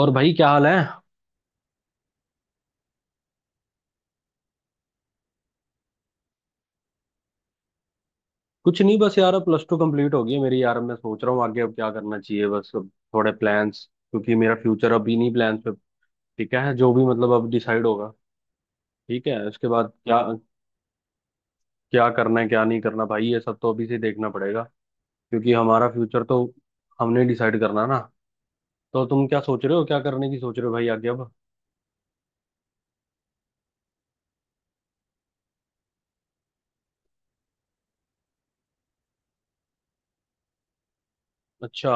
और भाई क्या हाल है? कुछ नहीं, बस यार, अब प्लस टू कंप्लीट हो गई है मेरी। यार, अब मैं सोच रहा हूँ आगे अब क्या करना चाहिए, बस अब थोड़े प्लान्स। क्योंकि मेरा फ्यूचर अभी नहीं प्लान्स पे। ठीक है, जो भी मतलब अब डिसाइड होगा। ठीक है, उसके बाद क्या, क्या करना है क्या नहीं करना, भाई ये सब तो अभी से देखना पड़ेगा। क्योंकि हमारा फ्यूचर तो हमने डिसाइड करना ना। तो तुम क्या सोच रहे हो, क्या करने की सोच रहे हो भाई, आगे अब? अच्छा।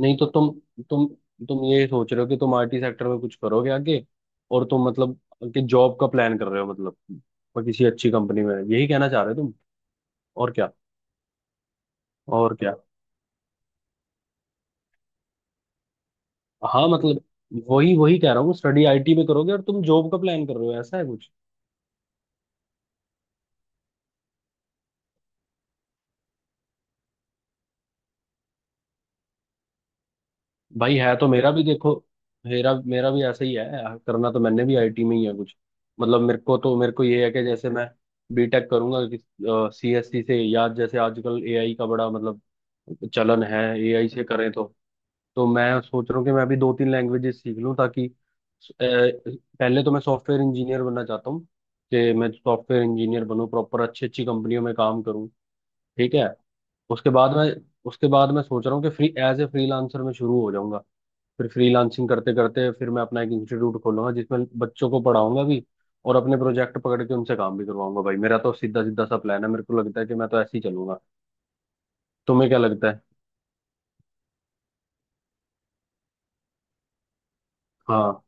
नहीं, तो तुम तुम ये सोच रहे हो कि तुम आईटी सेक्टर में कुछ करोगे आगे, और तुम, मतलब कि जॉब का प्लान कर रहे हो, मतलब, पर किसी अच्छी कंपनी में, यही कहना चाह रहे हो तुम? और क्या, और क्या? हाँ, मतलब वही वही कह रहा हूँ, स्टडी आईटी में करोगे और तुम जॉब का प्लान कर रहे हो, ऐसा है कुछ? भाई है तो मेरा भी, देखो मेरा मेरा भी ऐसा ही है। करना तो मैंने भी आईटी में ही है कुछ। मतलब मेरे को ये है कि जैसे मैं बीटेक करूंगा, कि सीएससी से, या जैसे आजकल एआई का बड़ा, मतलब चलन है, एआई से करें तो। तो मैं सोच रहा हूँ कि मैं अभी दो तीन लैंग्वेजेस सीख लूँ, ताकि पहले तो मैं सॉफ्टवेयर इंजीनियर बनना चाहता हूँ, कि मैं सॉफ्टवेयर इंजीनियर बनूँ, प्रॉपर अच्छी अच्छी कंपनियों में काम करूँ, ठीक है। उसके बाद मैं उसके बाद मैं सोच रहा हूँ कि फ्री एज ए फ्रीलांसर में शुरू हो जाऊंगा। फिर फ्रीलांसिंग करते करते फिर मैं अपना एक इंस्टीट्यूट खोलूंगा, जिसमें बच्चों को पढ़ाऊंगा भी और अपने प्रोजेक्ट पकड़ के उनसे काम भी करवाऊंगा। भाई मेरा तो सीधा सीधा सा प्लान है, मेरे को लगता है कि मैं तो ऐसे ही चलूंगा। तुम्हें क्या लगता है? हाँ,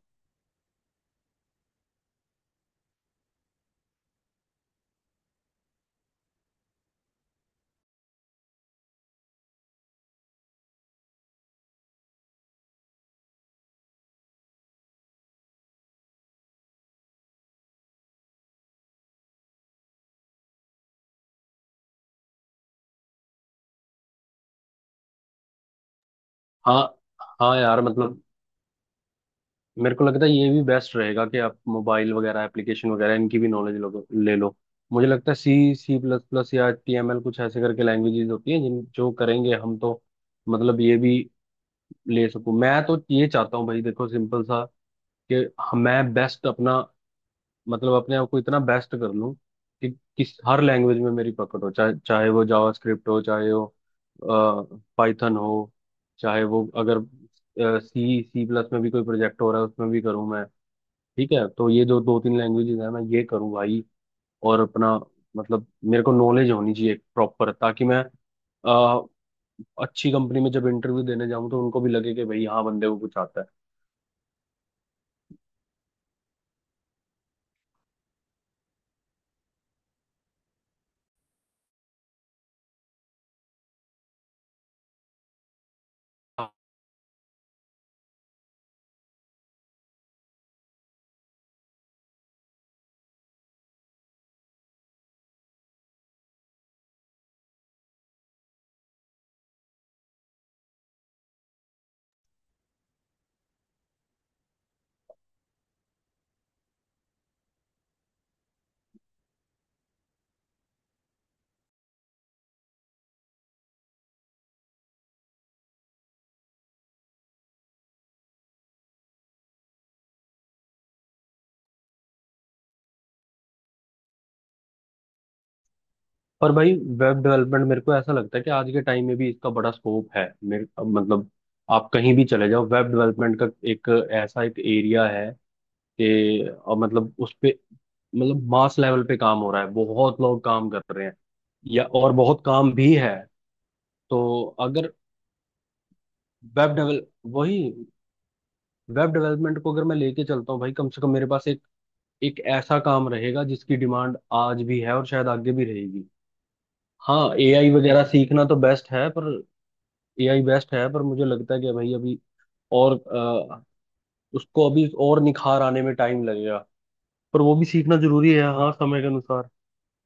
हाँ, हाँ। यार, मतलब मेरे को लगता है ये भी बेस्ट रहेगा कि आप मोबाइल वगैरह, एप्लीकेशन वगैरह, इनकी भी नॉलेज लो, ले लो। मुझे लगता है सी सी प्लस प्लस या टी एम एल कुछ ऐसे करके लैंग्वेजेस होती हैं जिन जो करेंगे हम तो, मतलब ये भी ले सकूं मैं, तो ये चाहता हूँ भाई, देखो सिंपल सा, कि मैं बेस्ट अपना, मतलब अपने आप को इतना बेस्ट कर लूं कि किस हर लैंग्वेज में मेरी पकड़ हो, चाहे चाहे वो जावास्क्रिप्ट हो, चाहे वो पाइथन हो, चाहे वो, अगर सी सी प्लस में भी कोई प्रोजेक्ट हो रहा है उसमें भी करूँ मैं, ठीक है। तो ये जो दो तीन लैंग्वेजेस है मैं ये करूँ भाई, और अपना, मतलब मेरे को नॉलेज होनी चाहिए प्रॉपर, ताकि मैं अ, अच्छी कंपनी में जब इंटरव्यू देने जाऊं तो उनको भी लगे कि भाई हाँ, बंदे को कुछ आता है। पर भाई वेब डेवलपमेंट मेरे को ऐसा लगता है कि आज के टाइम में भी इसका बड़ा स्कोप है, मेरे मतलब, आप कहीं भी चले जाओ, वेब डेवलपमेंट का एक ऐसा एक एरिया है कि मतलब उस पे, मतलब मास लेवल पे काम हो रहा है, बहुत लोग काम कर रहे हैं, या और बहुत काम भी है। तो अगर वेब डेवल वही, वेब डेवलपमेंट को अगर मैं लेके चलता हूँ भाई, कम से कम मेरे पास एक एक ऐसा काम रहेगा जिसकी डिमांड आज भी है और शायद आगे भी रहेगी। हाँ, एआई वगैरह सीखना तो बेस्ट है पर, एआई बेस्ट है पर मुझे लगता है कि भाई अभी और उसको अभी और निखार आने में टाइम लगेगा। पर वो भी सीखना जरूरी है, हाँ समय के अनुसार।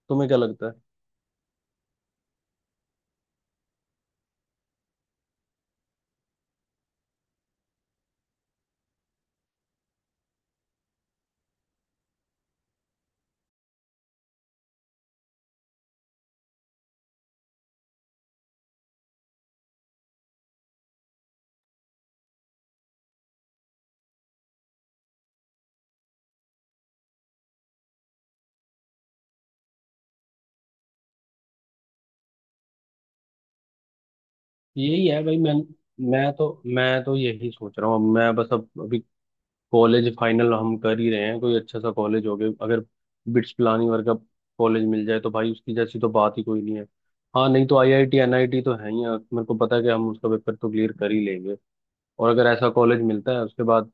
तुम्हें क्या लगता है? यही है भाई। मैं तो यही सोच रहा हूँ, मैं बस अब अभी कॉलेज फाइनल हम कर ही रहे हैं, कोई अच्छा सा कॉलेज हो गया अगर, बिट्स पिलानी वर्गा कॉलेज मिल जाए तो भाई उसकी जैसी तो बात ही कोई नहीं है। हाँ, नहीं तो आईआईटी एनआईटी तो है ही है। मेरे को पता है कि हम उसका पेपर तो क्लियर कर ही लेंगे, और अगर ऐसा कॉलेज मिलता है उसके बाद,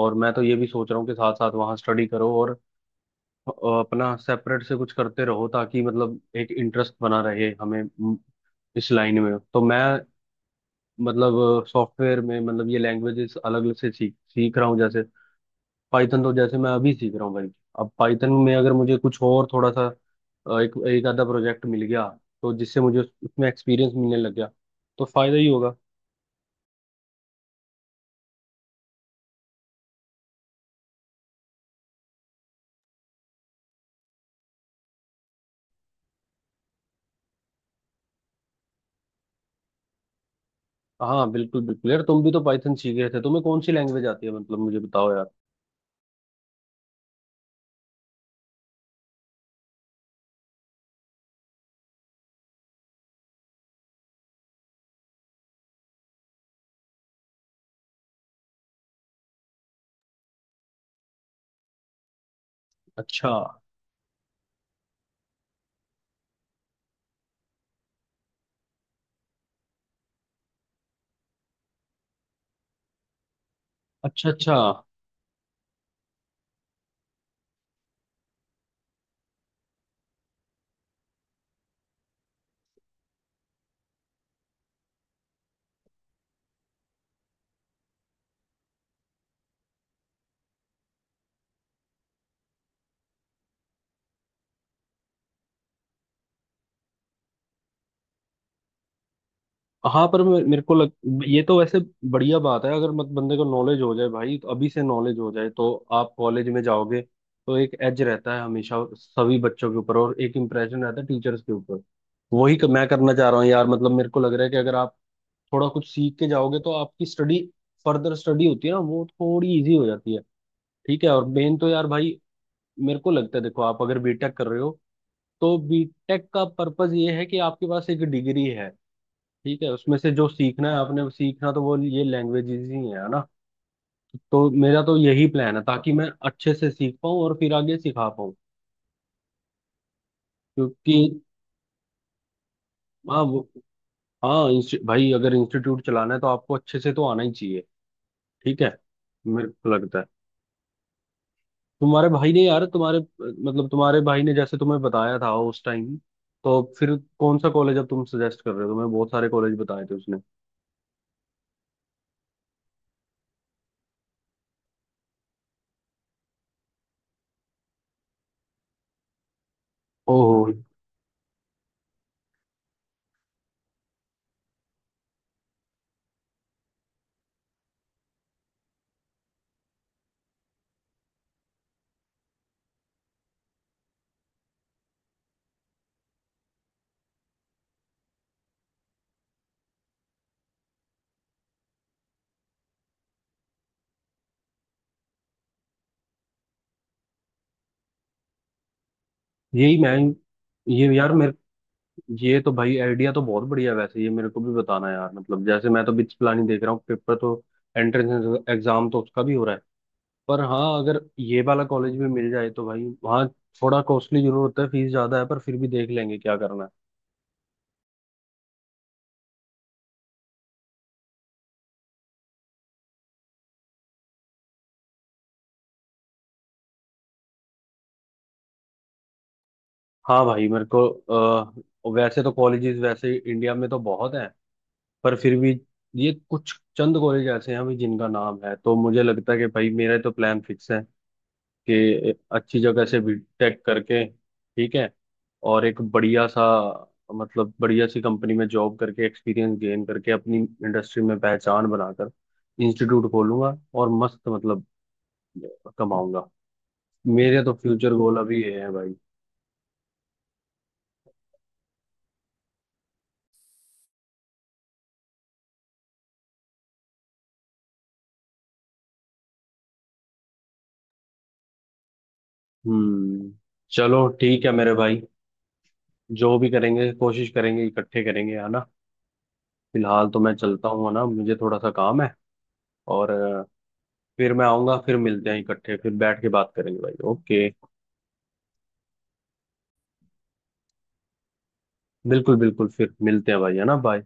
और मैं तो ये भी सोच रहा हूँ कि साथ साथ वहाँ स्टडी करो और अ, अपना सेपरेट से कुछ करते रहो, ताकि मतलब एक इंटरेस्ट बना रहे हमें। इस लाइन में तो मैं, मतलब सॉफ्टवेयर में, मतलब ये लैंग्वेजेस अलग अलग से सीख सीख रहा हूँ, जैसे पाइथन तो जैसे मैं अभी सीख रहा हूँ भाई। अब पाइथन में अगर मुझे कुछ और थोड़ा सा एक एक आधा प्रोजेक्ट मिल गया, तो जिससे मुझे उसमें एक्सपीरियंस मिलने लग गया तो फायदा ही होगा। हाँ, बिल्कुल बिल्कुल यार, तुम भी तो पाइथन सीख गए थे, तुम्हें कौन सी लैंग्वेज आती है, मतलब मुझे बताओ यार। अच्छा, अच्छा, अच्छा। हाँ, पर मेरे को लग, ये तो वैसे बढ़िया बात है अगर मत बंदे को नॉलेज हो जाए भाई, तो अभी से नॉलेज हो जाए तो आप कॉलेज में जाओगे तो एक एज रहता है हमेशा सभी बच्चों के ऊपर, और एक इम्प्रेशन रहता है टीचर्स के ऊपर। वही मैं करना चाह रहा हूँ यार, मतलब मेरे को लग रहा है कि अगर आप थोड़ा कुछ सीख के जाओगे तो आपकी स्टडी, फर्दर स्टडी होती है ना वो, थोड़ी इजी हो जाती है, ठीक है। और मेन तो यार भाई, मेरे को लगता है देखो, आप अगर बीटेक कर रहे हो तो बीटेक का पर्पस ये है कि आपके पास एक डिग्री है, ठीक है, उसमें से जो सीखना है आपने सीखना, तो वो ये लैंग्वेजेस ही है ना। तो मेरा तो यही प्लान है, ताकि मैं अच्छे से सीख पाऊँ और फिर आगे सिखा पाऊँ। क्योंकि हाँ वो, हाँ भाई अगर इंस्टीट्यूट चलाना है तो आपको अच्छे से तो आना ही चाहिए, ठीक है। मेरे को लगता है तुम्हारे भाई ने यार, तुम्हारे मतलब तुम्हारे भाई ने जैसे तुम्हें बताया था उस टाइम, तो फिर कौन सा कॉलेज अब तुम सजेस्ट कर रहे हो, तुम्हें बहुत सारे कॉलेज बताए थे उसने। ओह, यही मैं, ये यार मेरे, ये तो भाई आइडिया तो बहुत बढ़िया है वैसे, ये मेरे को भी बताना यार, मतलब जैसे मैं तो बिच प्लानिंग देख रहा हूँ, पेपर तो, एंट्रेंस एग्जाम तो उसका भी हो रहा है। पर हाँ, अगर ये वाला कॉलेज भी मिल जाए तो भाई वहाँ थोड़ा कॉस्टली जरूर होता है, फीस ज्यादा है, पर फिर भी देख लेंगे क्या करना है। हाँ भाई, मेरे को वैसे तो कॉलेजेस, वैसे इंडिया में तो बहुत हैं, पर फिर भी ये कुछ चंद कॉलेज ऐसे हैं भाई जिनका नाम है, तो मुझे लगता है कि भाई मेरा तो प्लान फिक्स है कि अच्छी जगह से बीटेक करके, ठीक है, और एक बढ़िया सा, मतलब बढ़िया सी कंपनी में जॉब करके एक्सपीरियंस गेन करके, अपनी इंडस्ट्री में पहचान बनाकर इंस्टीट्यूट खोलूंगा और मस्त, मतलब कमाऊंगा। मेरे तो फ्यूचर गोल अभी ये है भाई। हम्म। चलो ठीक है मेरे भाई, जो भी करेंगे कोशिश करेंगे, इकट्ठे करेंगे है ना। फिलहाल तो मैं चलता हूँ है ना, मुझे थोड़ा सा काम है, और फिर मैं आऊंगा, फिर मिलते हैं इकट्ठे, फिर बैठ के बात करेंगे भाई, ओके। बिल्कुल बिल्कुल, फिर मिलते हैं भाई है ना, बाय।